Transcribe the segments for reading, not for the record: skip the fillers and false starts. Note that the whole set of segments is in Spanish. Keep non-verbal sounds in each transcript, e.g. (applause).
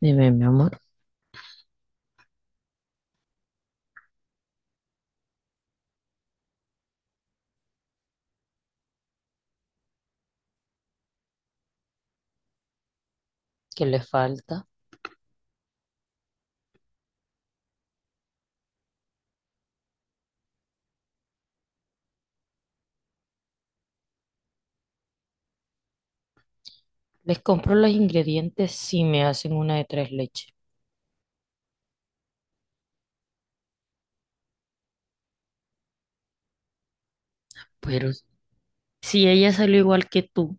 Dime, mi amor, ¿qué les falta? Les compro los ingredientes si me hacen una de tres leches. Pero si ella salió igual que tú,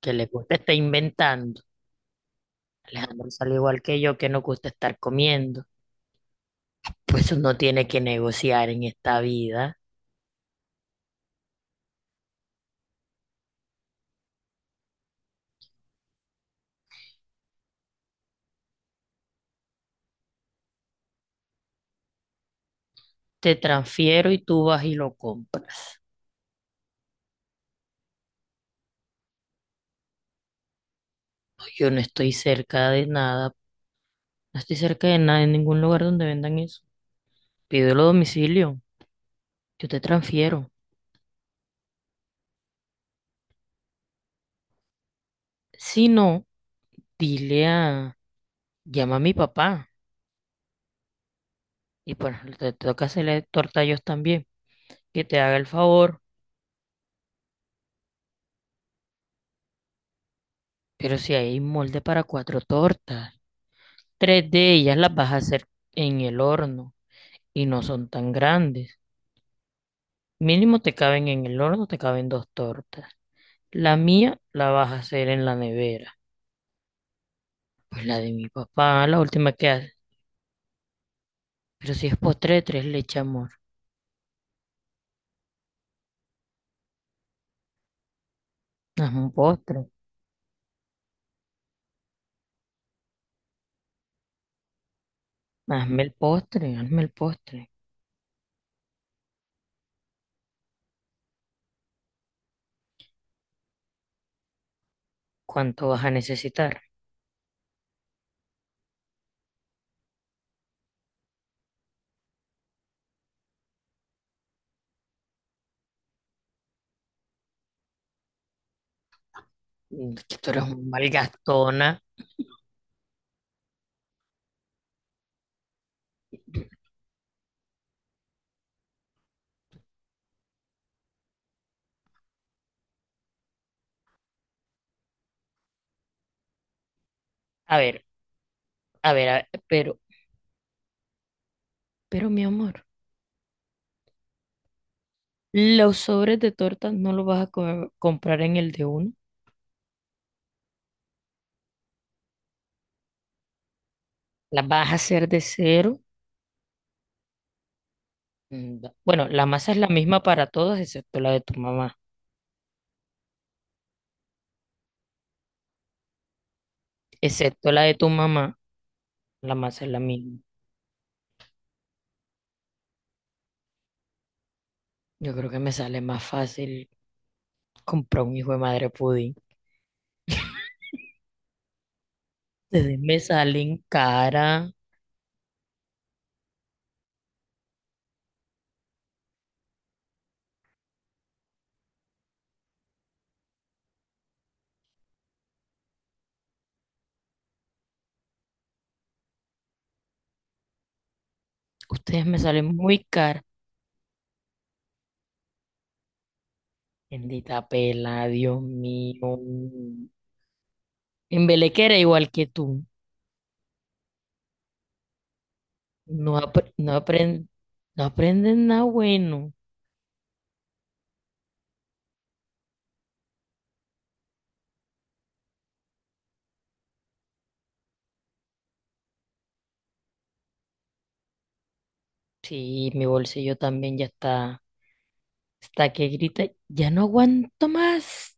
que le gusta estar inventando. Alejandro salió igual que yo, que nos gusta estar comiendo, pues uno tiene que negociar en esta vida. Te transfiero y tú vas y lo compras. Yo no estoy cerca de nada, no estoy cerca de nada en ningún lugar donde vendan eso. Pídelo a domicilio, yo te transfiero. Si no, dile a, llama a mi papá. Y pues te toca hacerle torta a ellos también, que te haga el favor. Pero si hay molde para cuatro tortas, tres de ellas las vas a hacer en el horno y no son tan grandes. Mínimo te caben en el horno, te caben dos tortas. La mía la vas a hacer en la nevera. Pues la de mi papá, la última que hace. Pero si es postre de tres leche, amor. Hazme un postre. Hazme el postre, hazme el postre. ¿Cuánto vas a necesitar? Que tú eres un malgastona. A ver, a ver, pero mi amor, los sobres de tortas no los vas a comprar en el de uno, las vas a hacer de cero. Bueno, la masa es la misma para todas excepto la de tu mamá. Excepto la de tu mamá, la masa es la misma. Yo creo que me sale más fácil comprar un hijo de madre pudín. Ustedes me salen cara, ustedes me salen muy cara. Bendita pela, Dios mío. En Belequera igual que tú. No, apre- no, apren- no aprenden nada bueno. Sí, mi bolsillo también ya está, está que grita, ya no aguanto más,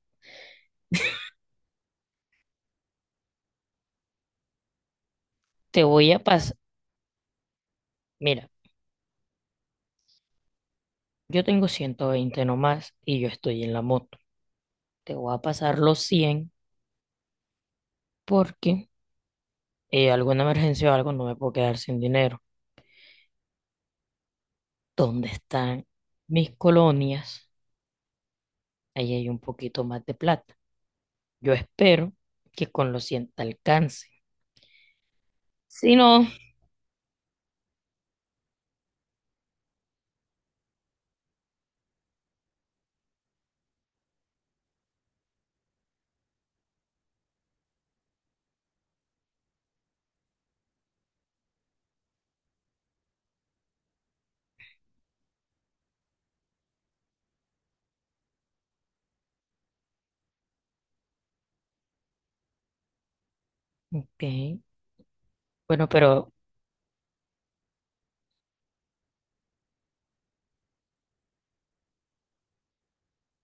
te voy a pasar, mira, yo tengo 120 nomás y yo estoy en la moto, te voy a pasar los 100 porque alguna emergencia o algo no me puedo quedar sin dinero. ¿Dónde están mis colonias? Ahí hay un poquito más de plata. Yo espero que con los 100 te alcance. Si no, ok, bueno, pero,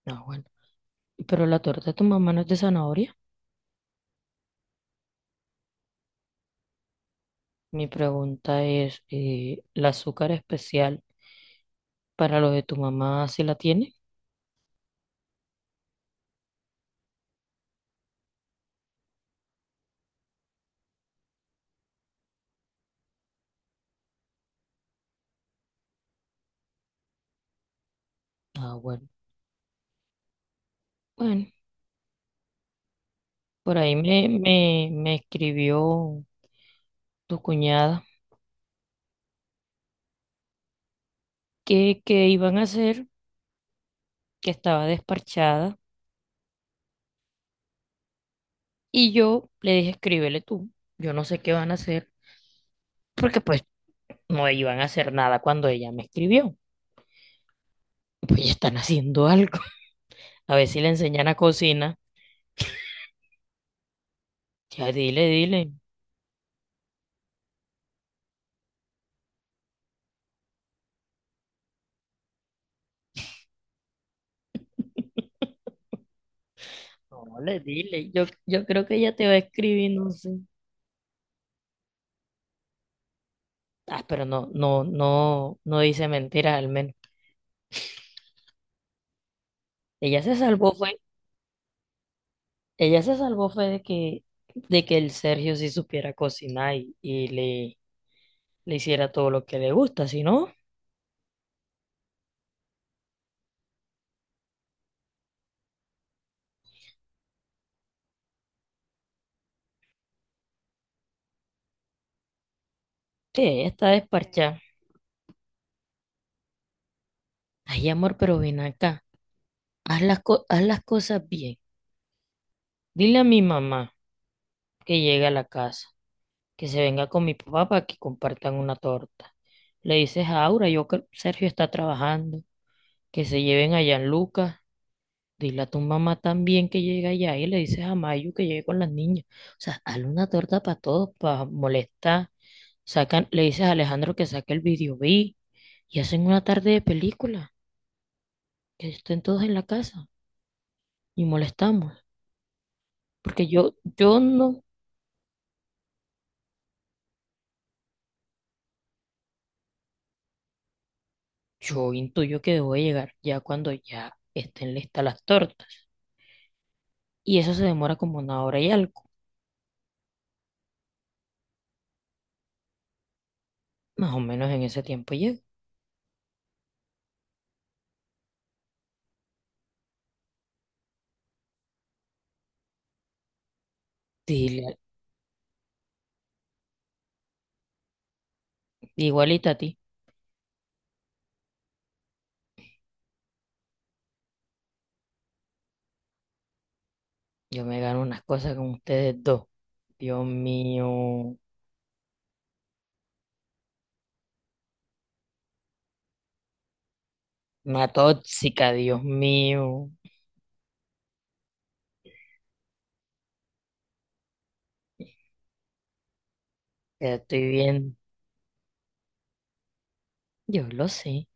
no, bueno, pero la torta de tu mamá no es de zanahoria. Mi pregunta es, ¿el azúcar especial para lo de tu mamá si la tiene? Ah, bueno. Bueno, por ahí me escribió tu cuñada que iban a hacer, que estaba desparchada, y yo le dije, escríbele tú. Yo no sé qué van a hacer, porque pues no iban a hacer nada cuando ella me escribió. Pues ya están haciendo algo. (laughs) A ver si le enseñan a cocinar. Ya dile, dile. No, le dile. Yo creo que ella te va a escribir, no sé. Ah, pero no dice mentira al menos. Ella se salvó fue, ella se salvó fue de que el Sergio sí supiera cocinar y le hiciera todo lo que le gusta, si no, sí, ella está desparchada. Ay, amor, pero ven acá, haz las cosas bien. Dile a mi mamá que llegue a la casa, que se venga con mi papá para que compartan una torta. Le dices a Aura, yo creo que Sergio está trabajando, que se lleven a Gianluca. Dile a tu mamá también que llegue allá y le dices a Mayu que llegue con las niñas. O sea, hazle una torta para todos, para molestar. Sacan, le dices a Alejandro que saque el video B y hacen una tarde de película, que estén todos en la casa y molestamos. Porque yo no, yo intuyo que debo de llegar ya cuando ya estén listas las tortas. Y eso se demora como una hora y algo. Más o menos en ese tiempo llego. Dile, igualita a ti, yo me gano unas cosas con ustedes dos. Dios mío. Una tóxica, Dios mío. Ya estoy bien. Yo lo sé.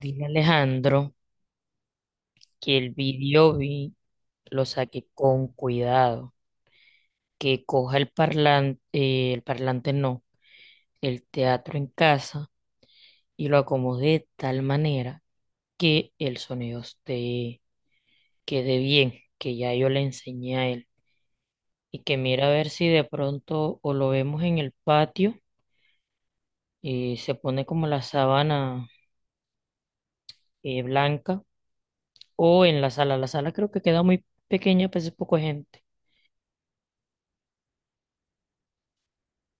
Dile a Alejandro que el video vi lo saque con cuidado. Que coja el parlante no, el teatro en casa y lo acomode de tal manera que el sonido esté, quede bien, que ya yo le enseñé a él. Y que mira a ver si de pronto o lo vemos en el patio y se pone como la sábana blanca. O en la sala. La sala creo que queda muy pequeña, pues es poco gente.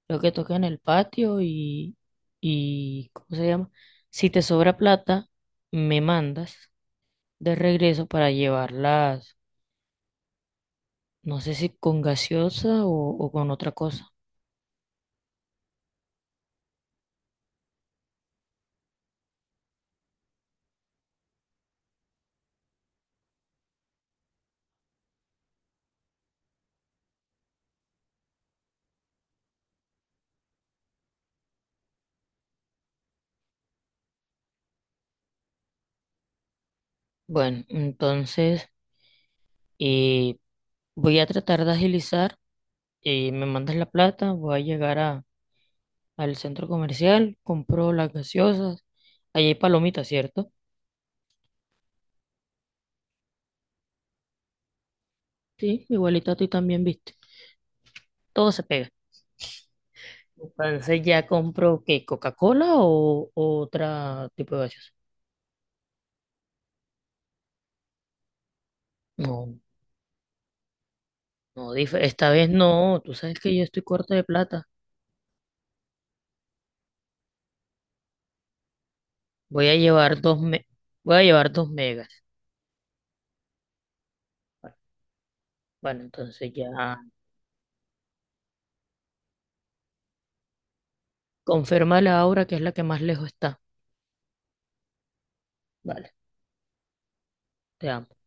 Lo que toca en el patio ¿cómo se llama? Si te sobra plata, me mandas de regreso para llevarlas, no sé si con gaseosa o con otra cosa. Bueno, entonces eh, voy a tratar de agilizar. Eh, me mandas la plata, voy a llegar al centro comercial, compro las gaseosas. Allí hay palomitas, ¿cierto? Sí, igualito a ti también, viste. Todo se pega. Entonces ya compro qué, Coca-Cola o otra tipo de gaseosa. No, esta vez no, tú sabes que yo estoy corta de plata. Voy a llevar dos me- Voy a llevar dos megas. Bueno, entonces ya confirma la Aura que es la que más lejos está. Vale, te amo.